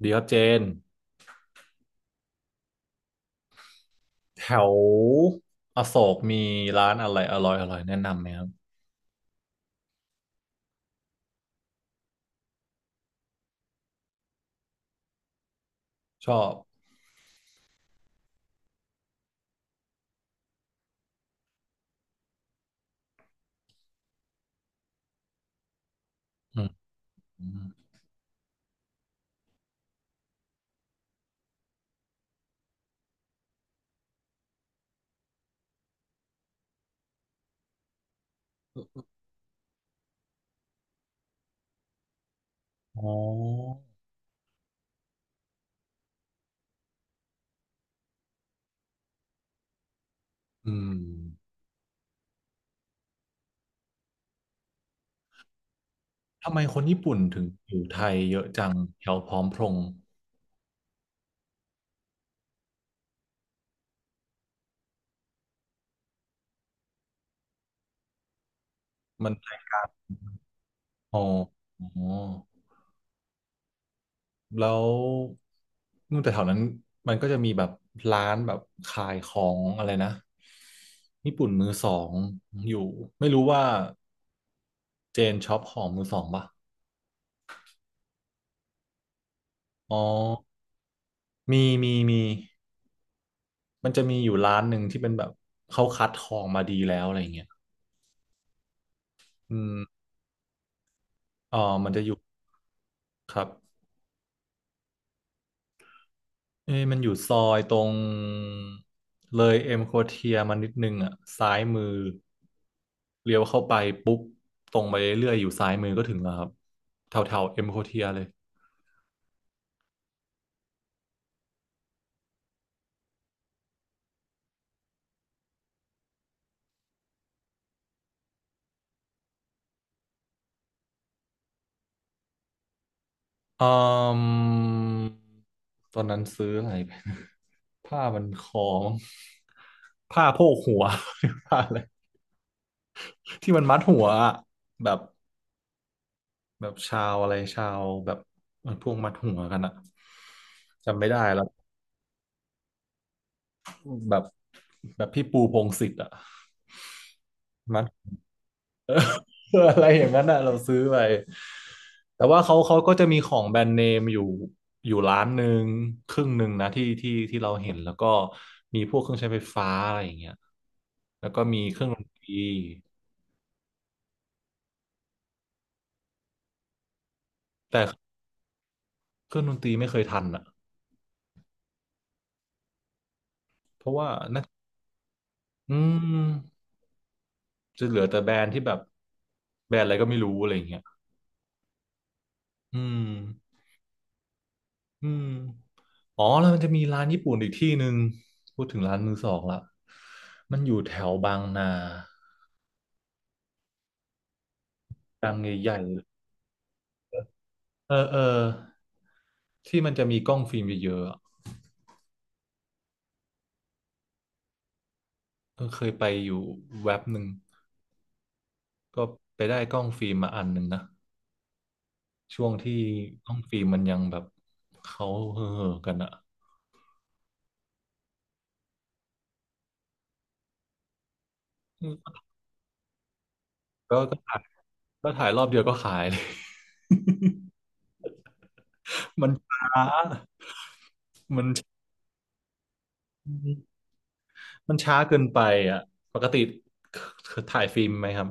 เดี๋ยวเจนแถวอโศกมีร้านอะไรอร่อยแนะนำไหมครับชอบอืมอ๋ออืมทำไมคนญี่ปุ่นถึงอยู่ไทยเยอะจังแถวพร้อมพงษ์มันอ๋ออ๋อแล้วนู่นแต่แถวนั้นมันก็จะมีแบบร้านแบบขายของอะไรนะญี่ปุ่นมือสองอยู่ไม่รู้ว่าเจนช็อปของมือสองป่ะอ๋อมี มันจะมีอยู่ร้านหนึ่งที่เป็นแบบเขาคัดทองมาดีแล้วอะไรเงี้ยอืมอ๋อมันจะอยู่ครับเอ้ยมันอยู่ซอยตรงเลยเอ็มโคเทียมานิดนึงอ่ะซ้ายมือเลี้ยวเข้าไปปุ๊บตรงไปเรื่อยๆอยู่ซ้ายมือก็ถึงแล้วครับแถวแถวเอ็มโคเทียเลยอืมตอนนั้นซื้ออะไรไป ผ้ามันคล้องผ้าโพกหัว ผ้าอะไรที่มันมัดหัวอะแบบ แบบชาวอะไรชาวแบบมันพวกมัดหัวกันอะจำไม่ได้แล้วแบบแบบพี่ปูพงษ์สิทธิ์อะมัด อะไรอย่างนั้นอะเราซื้อไปแต่ว่าเขาก็จะมีของแบรนด์เนมอยู่อยู่ร้านหนึ่งครึ่งหนึ่งนะที่เราเห็นแล้วก็มีพวกเครื่องใช้ไฟฟ้าอะไรอย่างเงี้ยแล้วก็มีเครื่องดนตรีแต่เครื่องดนตรีไม่เคยทันอะเพราะว่าน่าอืมจะเหลือแต่แบรนด์ที่แบบแบรนด์อะไรก็ไม่รู้อะไรอย่างเงี้ยอืม อืมอ๋อแล้วมันจะมีร้านญี่ปุ่นอีกที่หนึ่งพูดถึงร้านมือสองละมันอยู่แถวบางนาบางใหญ่ๆเออที่มันจะมีกล้องฟิล์มเยอะๆอะเออเคยไปอยู่แว็บหนึ่งก็ไปได้กล้องฟิล์มมาอันหนึ่งนะช่วงที่กล้องฟิล์มมันยังแบบเขาเห่อๆกันอะอืมก็ถ่ายก็ถ่ายรอบเดียวก็ขายเลย มันช้า มันช้าเกินไปอ่ะปกติถ่ายฟิล์มไหมครับ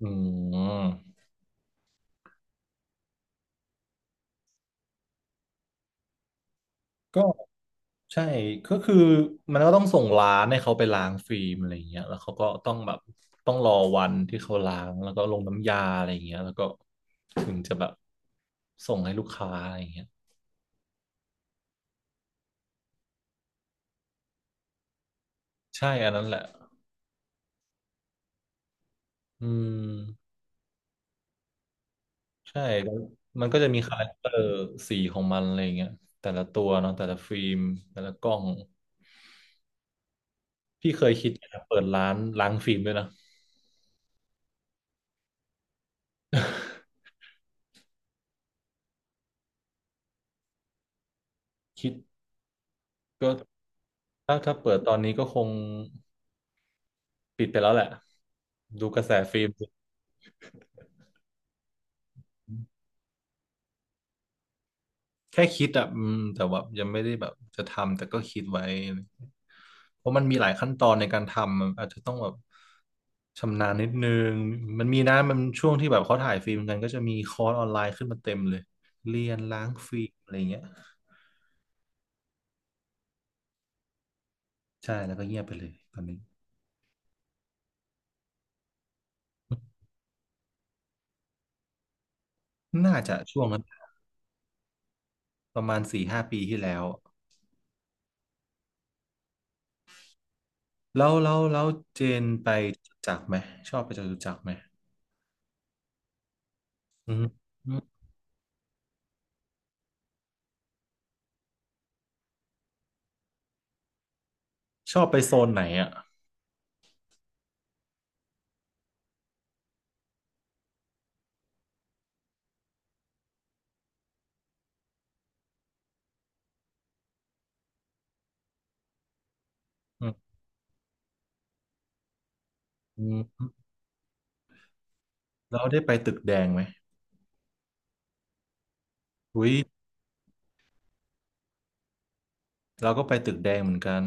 อืมก็ใช่ก็คือมันก็ต้องส่งร้านให้เขาไปล้างฟิล์มอะไรอย่างเงี้ยแล้วเขาก็ต้องแบบต้องรอวันที่เขาล้างแล้วก็ลงน้ำยาอะไรอย่างเงี้ยแล้วก็ถึงจะแบบส่งให้ลูกค้าอะไรอย่างเงี้ยใช่อันนั้นแหละอืมใช่แล้วมันก็จะมีคาแรคเตอร์สีของมันอะไรอย่างเงี้ยแต่ละตัวเนาะแต่ละฟิล์มแต่ละกล้องพี่เคยคิดจะเปิดร้านล้างฟิล์มด้วยนะ คิดก็ถ้าเปิดตอนนี้ก็คงปิดไปแล้วแหละดูกระแสฟิล์มแค่คิดอ่ะอืมแต่ว่ายังไม่ได้แบบจะทำแต่ก็คิดไว้เพราะมันมีหลายขั้นตอนในการทำมันอาจจะต้องแบบชำนาญนิดนึงมันมีนะมันช่วงที่แบบเขาถ่ายฟิล์มกันก็จะมีคอร์สออนไลน์ขึ้นมาเต็มเลยเรียนล้างฟิล์มอะไรเงี้ยใช่แล้วก็เงียบไปเลยตอนนี้น่าจะช่วงนั้นประมาณสี่ห้าปีที่แล้ว แล้วเจนไปจตุจักรไหมชอบไปจตุจักรไหมอืมอืมชอบไปโซนไหนอ่ะอืมอืมแล้วได้ไปตึกแดงไหมอุ้ยเราก็ไปตึกแดงเหมือนกัน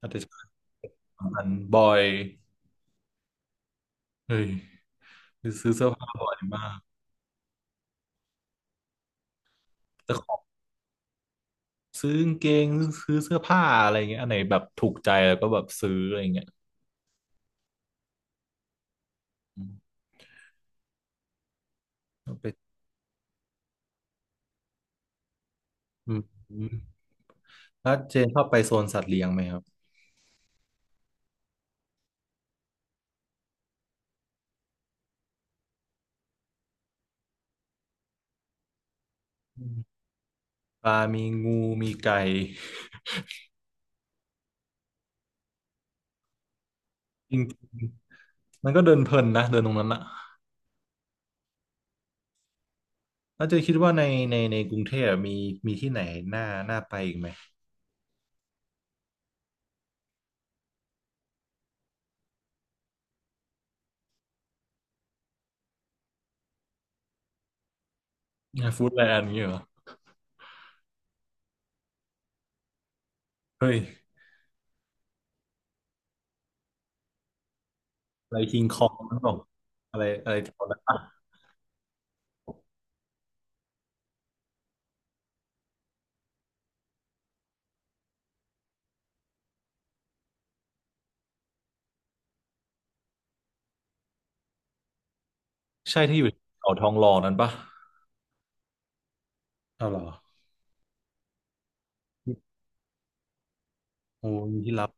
อาจจะสำคัญบ่อยเฮ้ยคือซื้อเสื้อผ้าบ่อยมากแต่ของซื้อกางเกงซื้อเสื้อผ้าอะไรเงี้ยอันไหนแบบถูกใจแล้วก็แบบซื้ออะไรเงี้ยอืมก็ไปอืมอืมแล้วเจนชอบไปโซนสัตว์เลี้ยงไหมครับอืมปลามีงูมีไก่จริง มันก็เดินเพลินนะเดินตรงนั้นอะแล้วเจะคิดว่าในในกรุงเทพมีมีที่ไหนน่าน่าไปอีกไหมฟู้ดแลนด์อย่างเงี้ยเหรอเฮ้ยอะไรคิงคองนั่นหรออะไรอะไรแถวนั้นปะใช่ที่อยู่เขาทองหล่อนั้นปะอ้าวเหรอโอ้มีที่รับ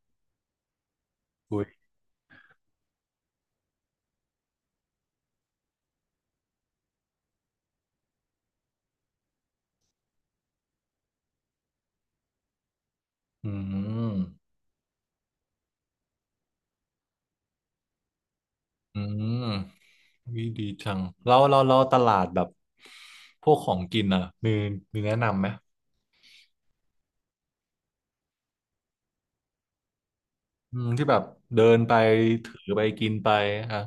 อุ้ยอืมอืมวิดีจังเราตลาดแบบพวกของกินอ่ะมีมีแนะนำไหมอืมที่แบบเดินไปถือไปกินไปอ่ะ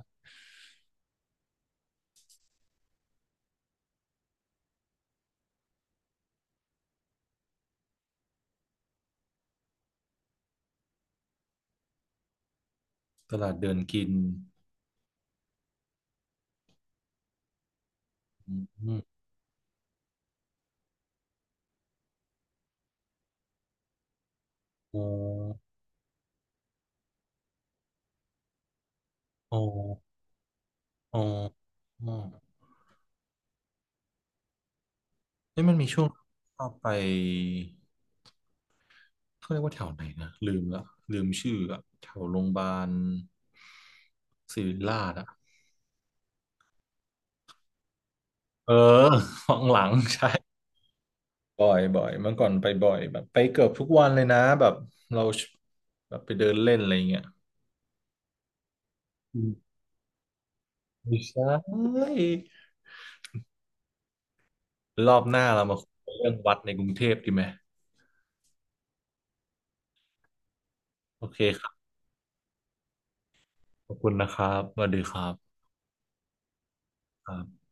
ตลาดเดินกินอืมโอ้ โอ้ออ้ออเอ้ยมันมีช่วงชอบไปเขาเรียกว่าแถวไหนนะลืมละลืมชื่ออะแถวโรงพยาบาลศิริราชอะเออ ของหลังใช่บ่อยเมื่อก่อนไปบ่อยแบบไปเกือบทุกวันเลยนะแบบเราแบบไปเดินเล่นอะไรเงี้ยอืมไม่ใช่รอบหน้าเรามาคุยเรื่องวัดในกรุงเทพดีไหมโอเคครับขอบคุณนะครับสวัสดีครับครับ